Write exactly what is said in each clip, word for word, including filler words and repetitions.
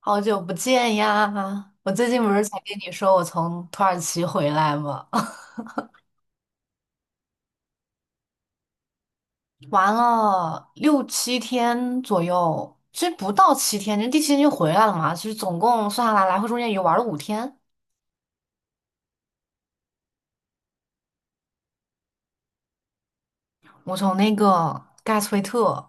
好久不见呀！我最近不是才跟你说我从土耳其回来吗？玩了六七天左右，其实不到七天，就第七天就回来了嘛。其实总共算下来，来回中间也就玩了五天。我从那个盖茨威特，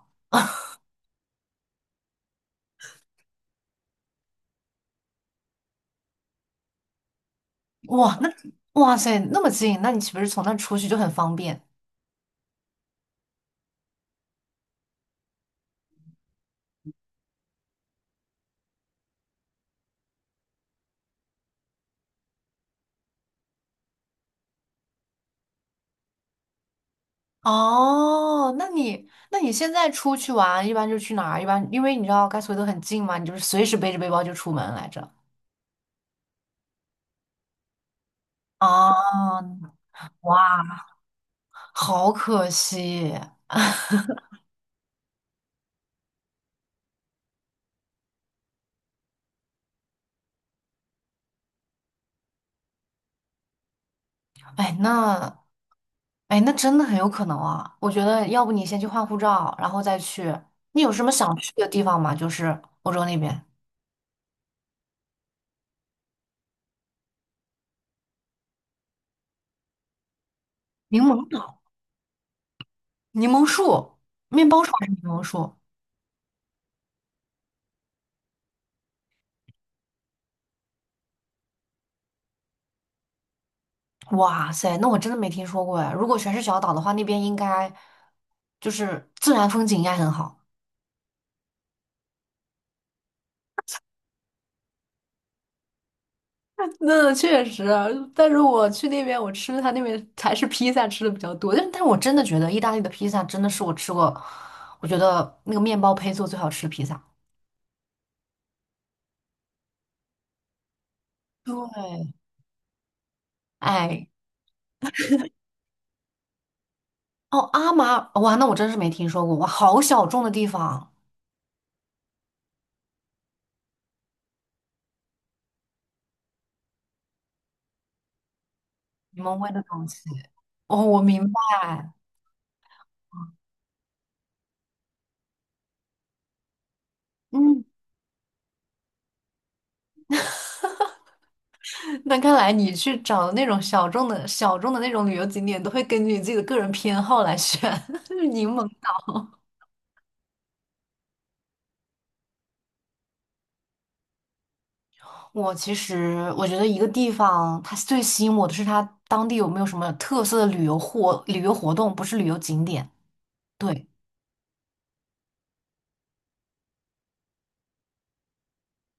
哇，那哇塞，那么近，那你岂不是从那出去就很方便？哦，那你那你现在出去玩，一般就去哪儿？一般因为你知道盖茨威特很近嘛，你就是随时背着背包就出门来着。啊，哇！好可惜。哎，那哎，那真的很有可能啊。我觉得，要不你先去换护照，然后再去。你有什么想去的地方吗？就是欧洲那边，柠檬岛、柠檬树、面包船还是柠檬树。哇塞，那我真的没听说过哎。如果全是小岛的话，那边应该就是自然风景应该很好。那确实，但是我去那边，我吃他那边还是披萨吃的比较多。但是，但是我真的觉得意大利的披萨真的是我吃过，我觉得那个面包胚做最好吃的披萨。对，哎，哦，阿玛，哇，那我真是没听说过，哇，好小众的地方，你们味的东西。哦，我明白。嗯，那看来你去找那种小众的、小众的那种旅游景点，都会根据你自己的个人偏好来选。柠檬岛。我其实我觉得一个地方它最吸引我的是它当地有没有什么特色的旅游活旅游活动，不是旅游景点。对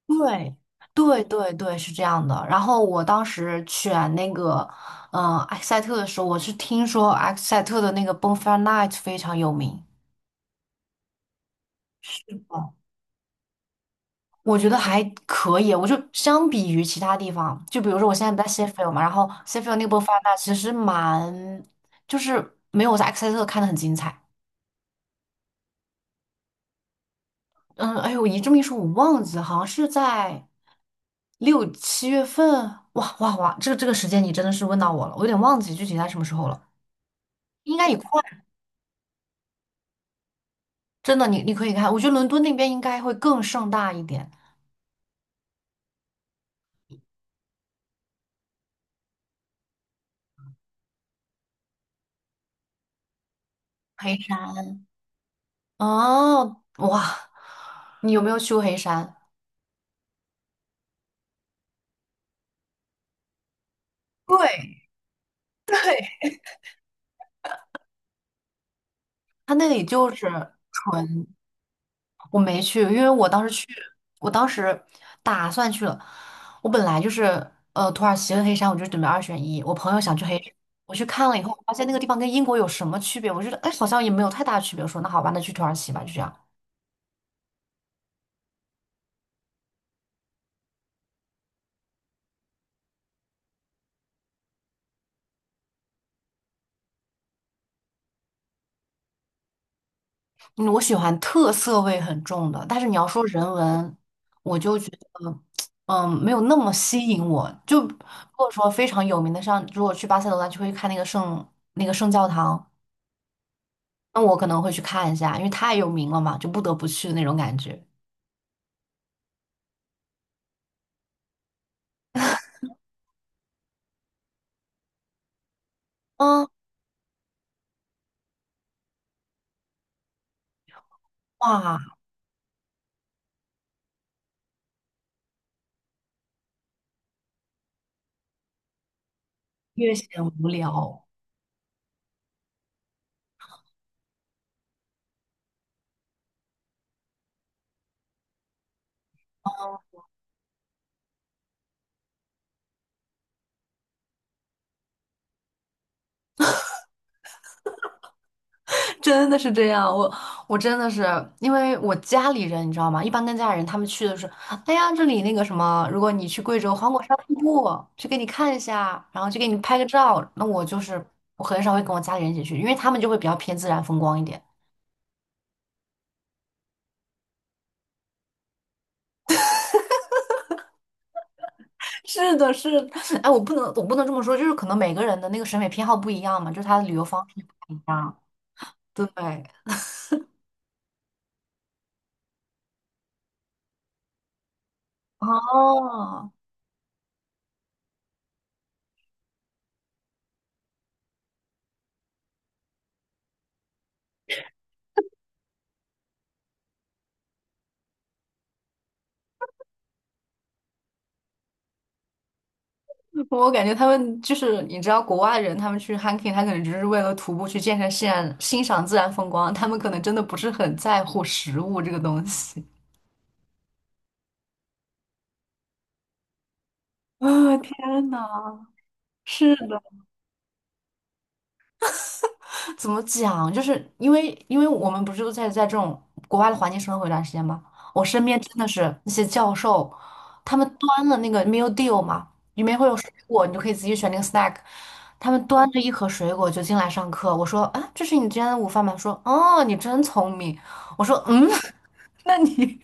对对对对，是这样的。然后我当时选那个嗯、呃克塞特的时候，我是听说埃塞特的那个 Bonfire Night 非常有名。哦，我觉得还可以。我就相比于其他地方，就比如说我现在不在 s h e f i e l 嘛，然后 s h e f i e l 那个 Bonfire Night 其实蛮就是没有我在埃塞特看的很精彩。嗯，哎呦，我一这么一说，我忘记了，好像是在六七月份。哇哇哇，这个这个时间你真的是问到我了，我有点忘记具体在什么时候了。应该也快，真的，你你可以看，我觉得伦敦那边应该会更盛大一点。黑山。哦，哇，你有没有去过黑山？对，它那里就是纯。我没去，因为我当时去，我当时打算去了。我本来就是呃，土耳其和黑山，我就准备二选一。我朋友想去黑山，我去看了以后，我发现那个地方跟英国有什么区别？我觉得哎，好像也没有太大区别。我说那好吧，那去土耳其吧，就这样。嗯，我喜欢特色味很重的，但是你要说人文，我就觉得嗯，没有那么吸引我。就如果说非常有名的，像如果去巴塞罗那，就会看那个圣那个圣教堂。那我可能会去看一下，因为太有名了嘛，就不得不去的那种感觉。嗯，哇，越显无聊。真的是这样。我我真的是，因为我家里人你知道吗？一般跟家里人他们去的是，哎呀，这里那个什么，如果你去贵州黄果山瀑布，去给你看一下，然后去给你拍个照。那我就是我很少会跟我家里人一起去，因为他们就会比较偏自然风光一点。是的，是的。哎，我不能我不能这么说，就是可能每个人的那个审美偏好不一样嘛，就是他的旅游方式不一样。对，哦，我感觉他们就是你知道，国外人他们去 hiking,他可能只是为了徒步去健身自然、欣赏自然风光，他们可能真的不是很在乎食物这个东西。啊、天呐，是的，怎么讲？就是因为因为我们不是都在在这种国外的环境生活一段时间吗？我身边真的是那些教授，他们端了那个 meal deal 嘛，里面会有水果，你就可以自己选那个 snack。他们端着一盒水果就进来上课，我说啊，这是你今天的午饭吗？说哦，你真聪明。我说嗯。那你。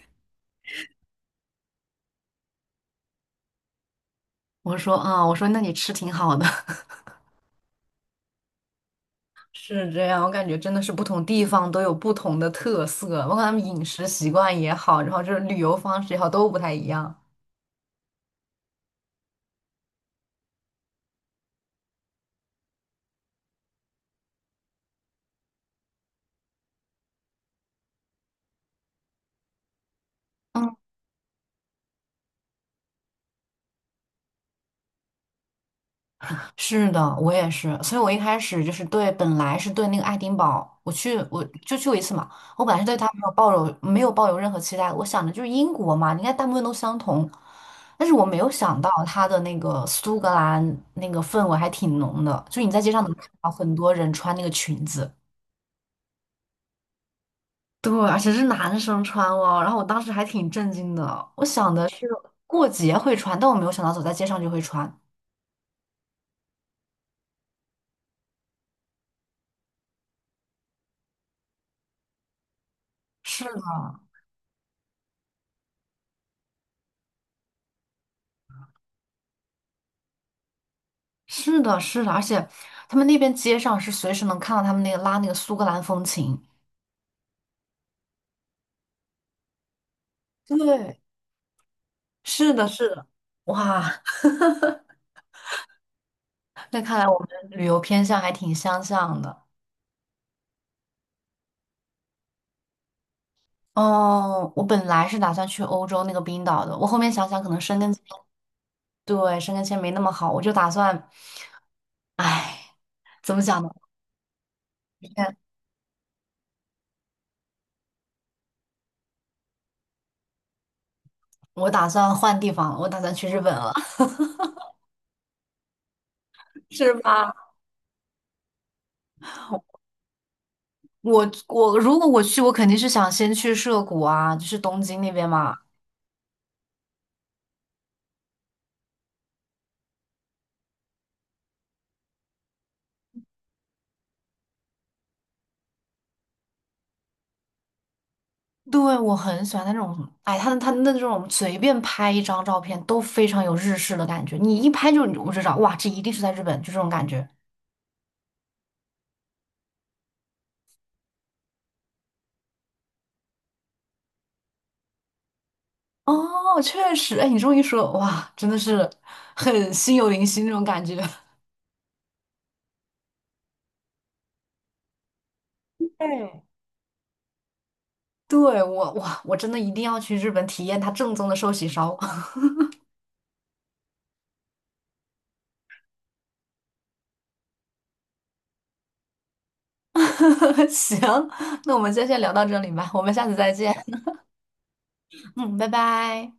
我说啊、我说那你吃挺好的。是这样，我感觉真的是不同地方都有不同的特色，包括他们饮食习惯也好，然后就是旅游方式也好，都不太一样。嗯，是的，我也是，所以我一开始就是对，本来是对那个爱丁堡，我去我就去过一次嘛，我本来是对它没有抱有没有抱有任何期待，我想的就是英国嘛，应该大部分都相同，但是我没有想到它的那个苏格兰那个氛围还挺浓的，就你在街上能看到很多人穿那个裙子。对，而且是男生穿哦，然后我当时还挺震惊的，我想的是过节会穿，但我没有想到走在街上就会穿。是的，是的，是的，而且他们那边街上是随时能看到他们那个拉那个苏格兰风情。对，是的，是的，哇。那看来我们旅游偏向还挺相像的。哦，我本来是打算去欧洲那个冰岛的，我后面想想可能申根签，对，申根签没那么好，我就打算，唉，怎么讲呢？我打算换地方了，我打算去日本了。是吧？我我如果我去，我肯定是想先去涩谷啊，就是东京那边嘛。对，我很喜欢那种，哎，他他的那种随便拍一张照片都非常有日式的感觉，你一拍就我就知道，哇，这一定是在日本，就这种感觉。哦，确实，哎，你这么一说，哇，真的是很心有灵犀那种感觉。对，对，我，哇，我真的一定要去日本体验它正宗的寿喜烧。行，那我们今天先聊到这里吧，我们下次再见。嗯，拜拜。